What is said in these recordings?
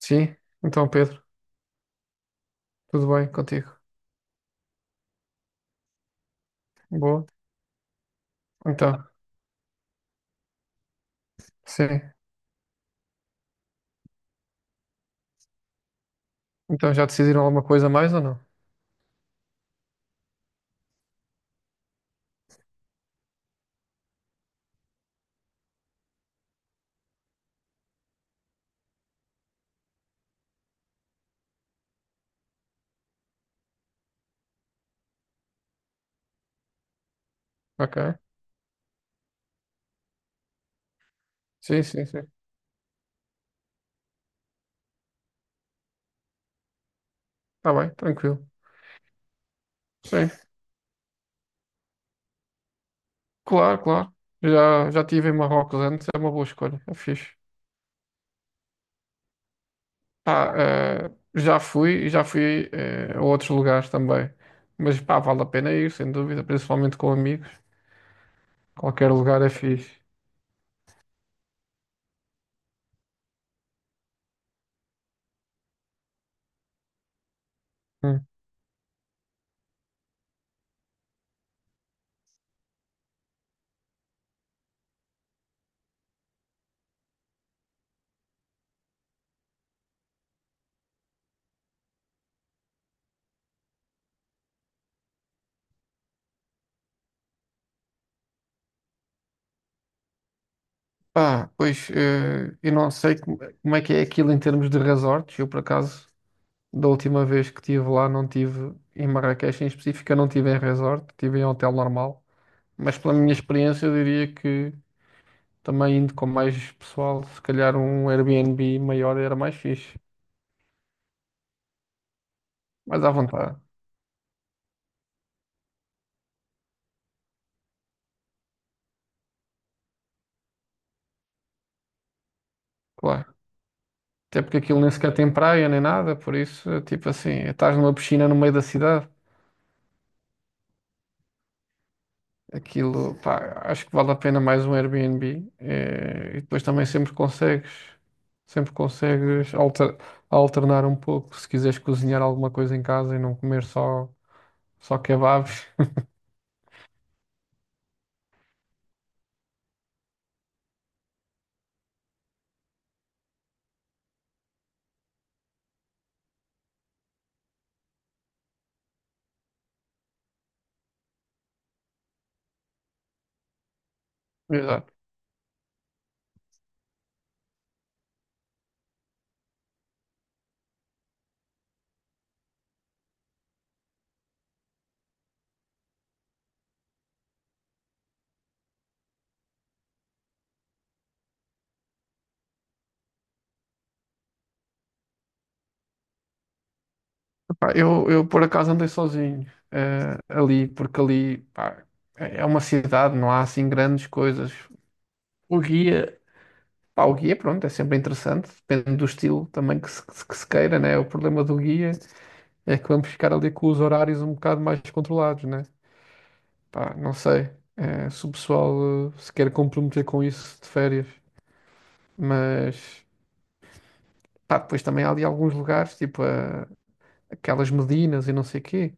Sim, então Pedro, tudo bem contigo? Boa. Então, sim. Então já decidiram alguma coisa a mais ou não? Ok. Sim, sim, sim. Está bem, tranquilo. Sim, claro, claro. Já estive em Marrocos antes, é uma boa escolha, é fixe. Pá, já fui e já fui a outros lugares também. Mas pá, vale a pena ir, sem dúvida, principalmente com amigos. Qualquer lugar é fixe. Hum. Pá, pois eu não sei como, como é que é aquilo em termos de resorts, eu por acaso. Da última vez que estive lá, não tive em Marrakech em específico, eu não estive em resort, estive em hotel normal. Mas pela minha experiência, eu diria que também indo com mais pessoal, se calhar um Airbnb maior era mais fixe. Mais à vontade, claro. Até porque aquilo nem sequer tem praia nem nada, por isso, é tipo assim, estás numa piscina no meio da cidade. Aquilo, pá, acho que vale a pena mais um Airbnb. Eh, e depois também sempre consegues alternar um pouco se quiseres cozinhar alguma coisa em casa e não comer só, só kebabs. Exato. Pá, eu por acaso andei sozinho, ali, porque ali, pá, é uma cidade, não há assim grandes coisas. O guia, pá, o guia, pronto, é sempre interessante, depende do estilo também que se queira, né? O problema do guia é que vamos ficar ali com os horários um bocado mais controlados, né? Pá, não sei, se o pessoal se quer comprometer com isso de férias, mas pá, depois também há ali alguns lugares, tipo aquelas Medinas e não sei quê.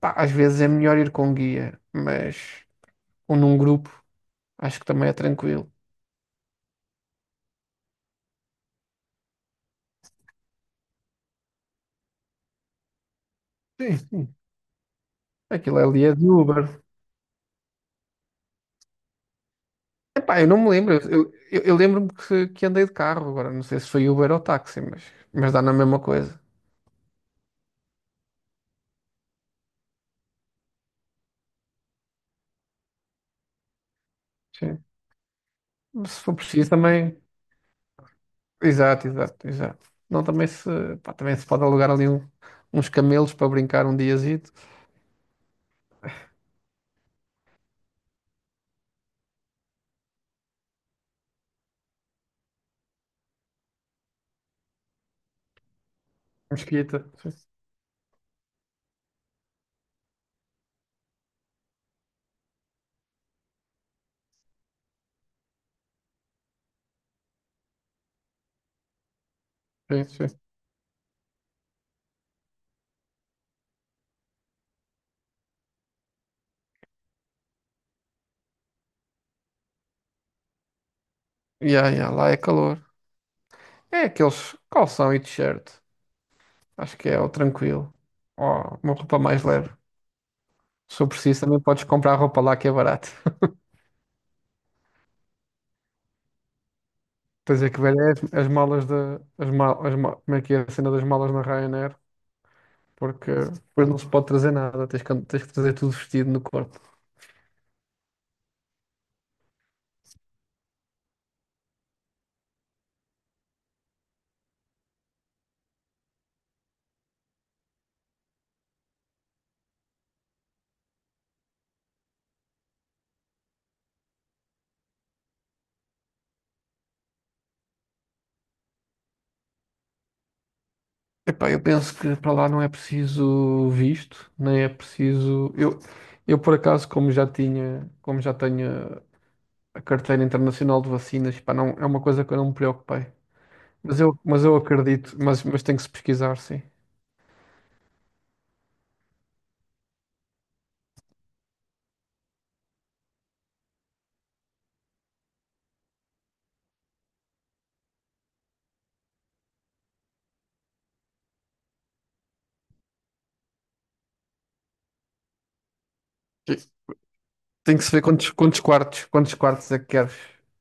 Pá, às vezes é melhor ir com guia, mas ou num grupo, acho que também é tranquilo. Sim, sim. Aquilo ali é de Uber. Epá, eu não me lembro. Eu lembro-me que andei de carro agora. Não sei se foi Uber ou táxi, mas dá na mesma coisa. Sim. Se for preciso também. Exato, exato, exato. Não, também se, pá, também se pode alugar ali uns camelos para brincar um diazito. Mesquita. Sim, sim, sim. Ya, ya, lá é calor. É aqueles calção e t-shirt. Acho que é o tranquilo. Ó, uma roupa mais leve. Se eu preciso, também podes comprar roupa lá que é barato. Tens é que ver é as, as malas da. As mal, as ma- Como é que é a cena das malas na Ryanair? Porque depois não se pode trazer nada. Tens que trazer tudo vestido no corpo. Epá, eu penso que para lá não é preciso visto, nem é preciso. Eu por acaso, como já tinha, como já tenho a carteira internacional de vacinas, pá, não, é uma coisa que eu não me preocupei. Mas eu acredito, mas tem que se pesquisar, sim. E tem que se ver quantos, quantos quartos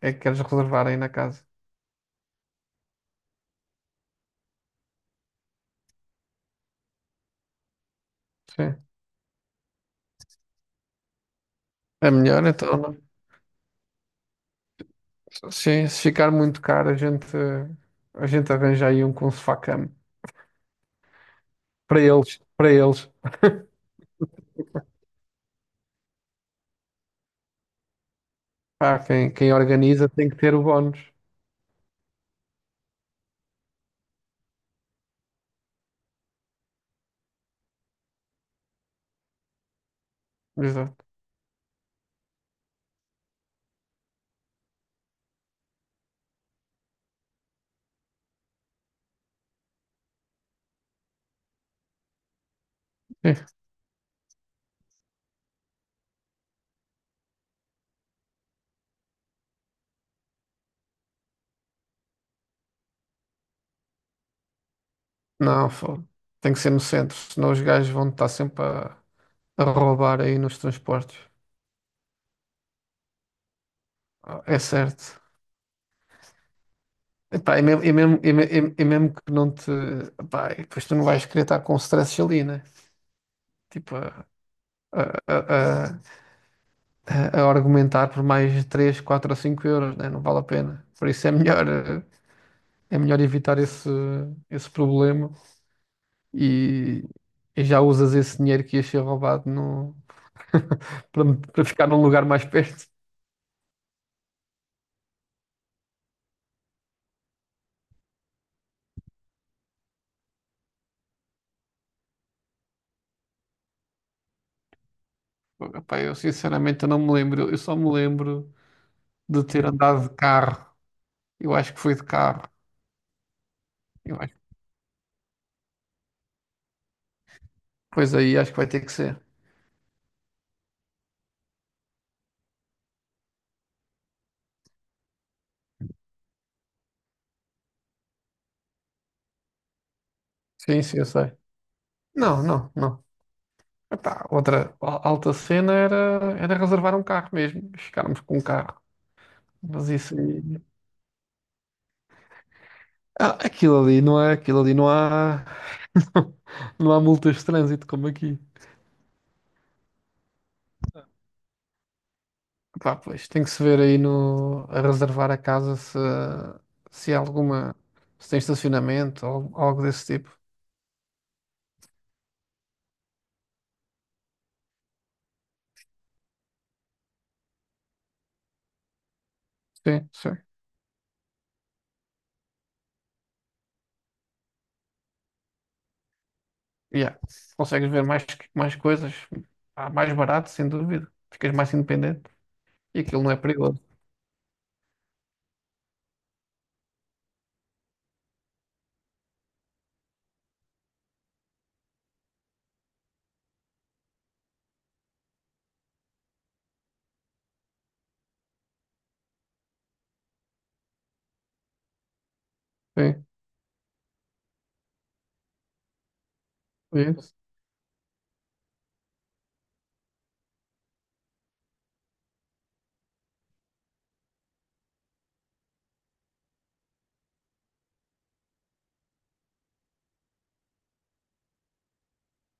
é que queres reservar aí na casa. Sim. É melhor então. Sim, se ficar muito caro, a gente arranja aí um com sofá-cama para eles, para eles. Pá, quem, quem organiza tem que ter o bónus. Exato. É. Não, fogo. Tem que ser no centro, senão os gajos vão estar sempre a roubar aí nos transportes. Ah, é certo. Epá, é mesmo, é mesmo, é mesmo que não te. Epá, e depois tu não vais querer estar com stress ali, né? Tipo, a, a, a, a argumentar por mais 3, 4 ou 5 euros, né? Não vale a pena. Por isso é melhor, é melhor evitar esse, esse problema e, e já usas esse dinheiro que ia ser roubado no, para, para ficar num lugar mais perto. Epá, eu sinceramente eu não me lembro. Eu só me lembro de ter andado de carro. Eu acho que foi de carro. Eu acho- Pois aí acho que vai ter que ser. Sim, sim, eu sei. Não, não, não. Epá, outra alta cena era, era reservar um carro mesmo. Ficarmos com um carro. Mas isso aí. Ah, aquilo ali não há, não há multas de trânsito como aqui. Pá, pois tem que se ver aí no, a reservar a casa se, se há alguma, se tem estacionamento ou algo desse tipo. Sim, sim. Yeah. Consegues ver mais, mais coisas, ah, mais barato, sem dúvida. Ficas mais independente e aquilo não é perigoso. Sim, é isso,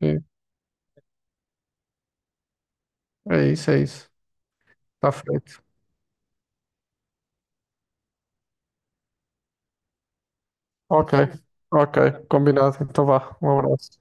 sim. É isso, é isso. Está feito. Ok, ok, combinado. Então vá, um abraço.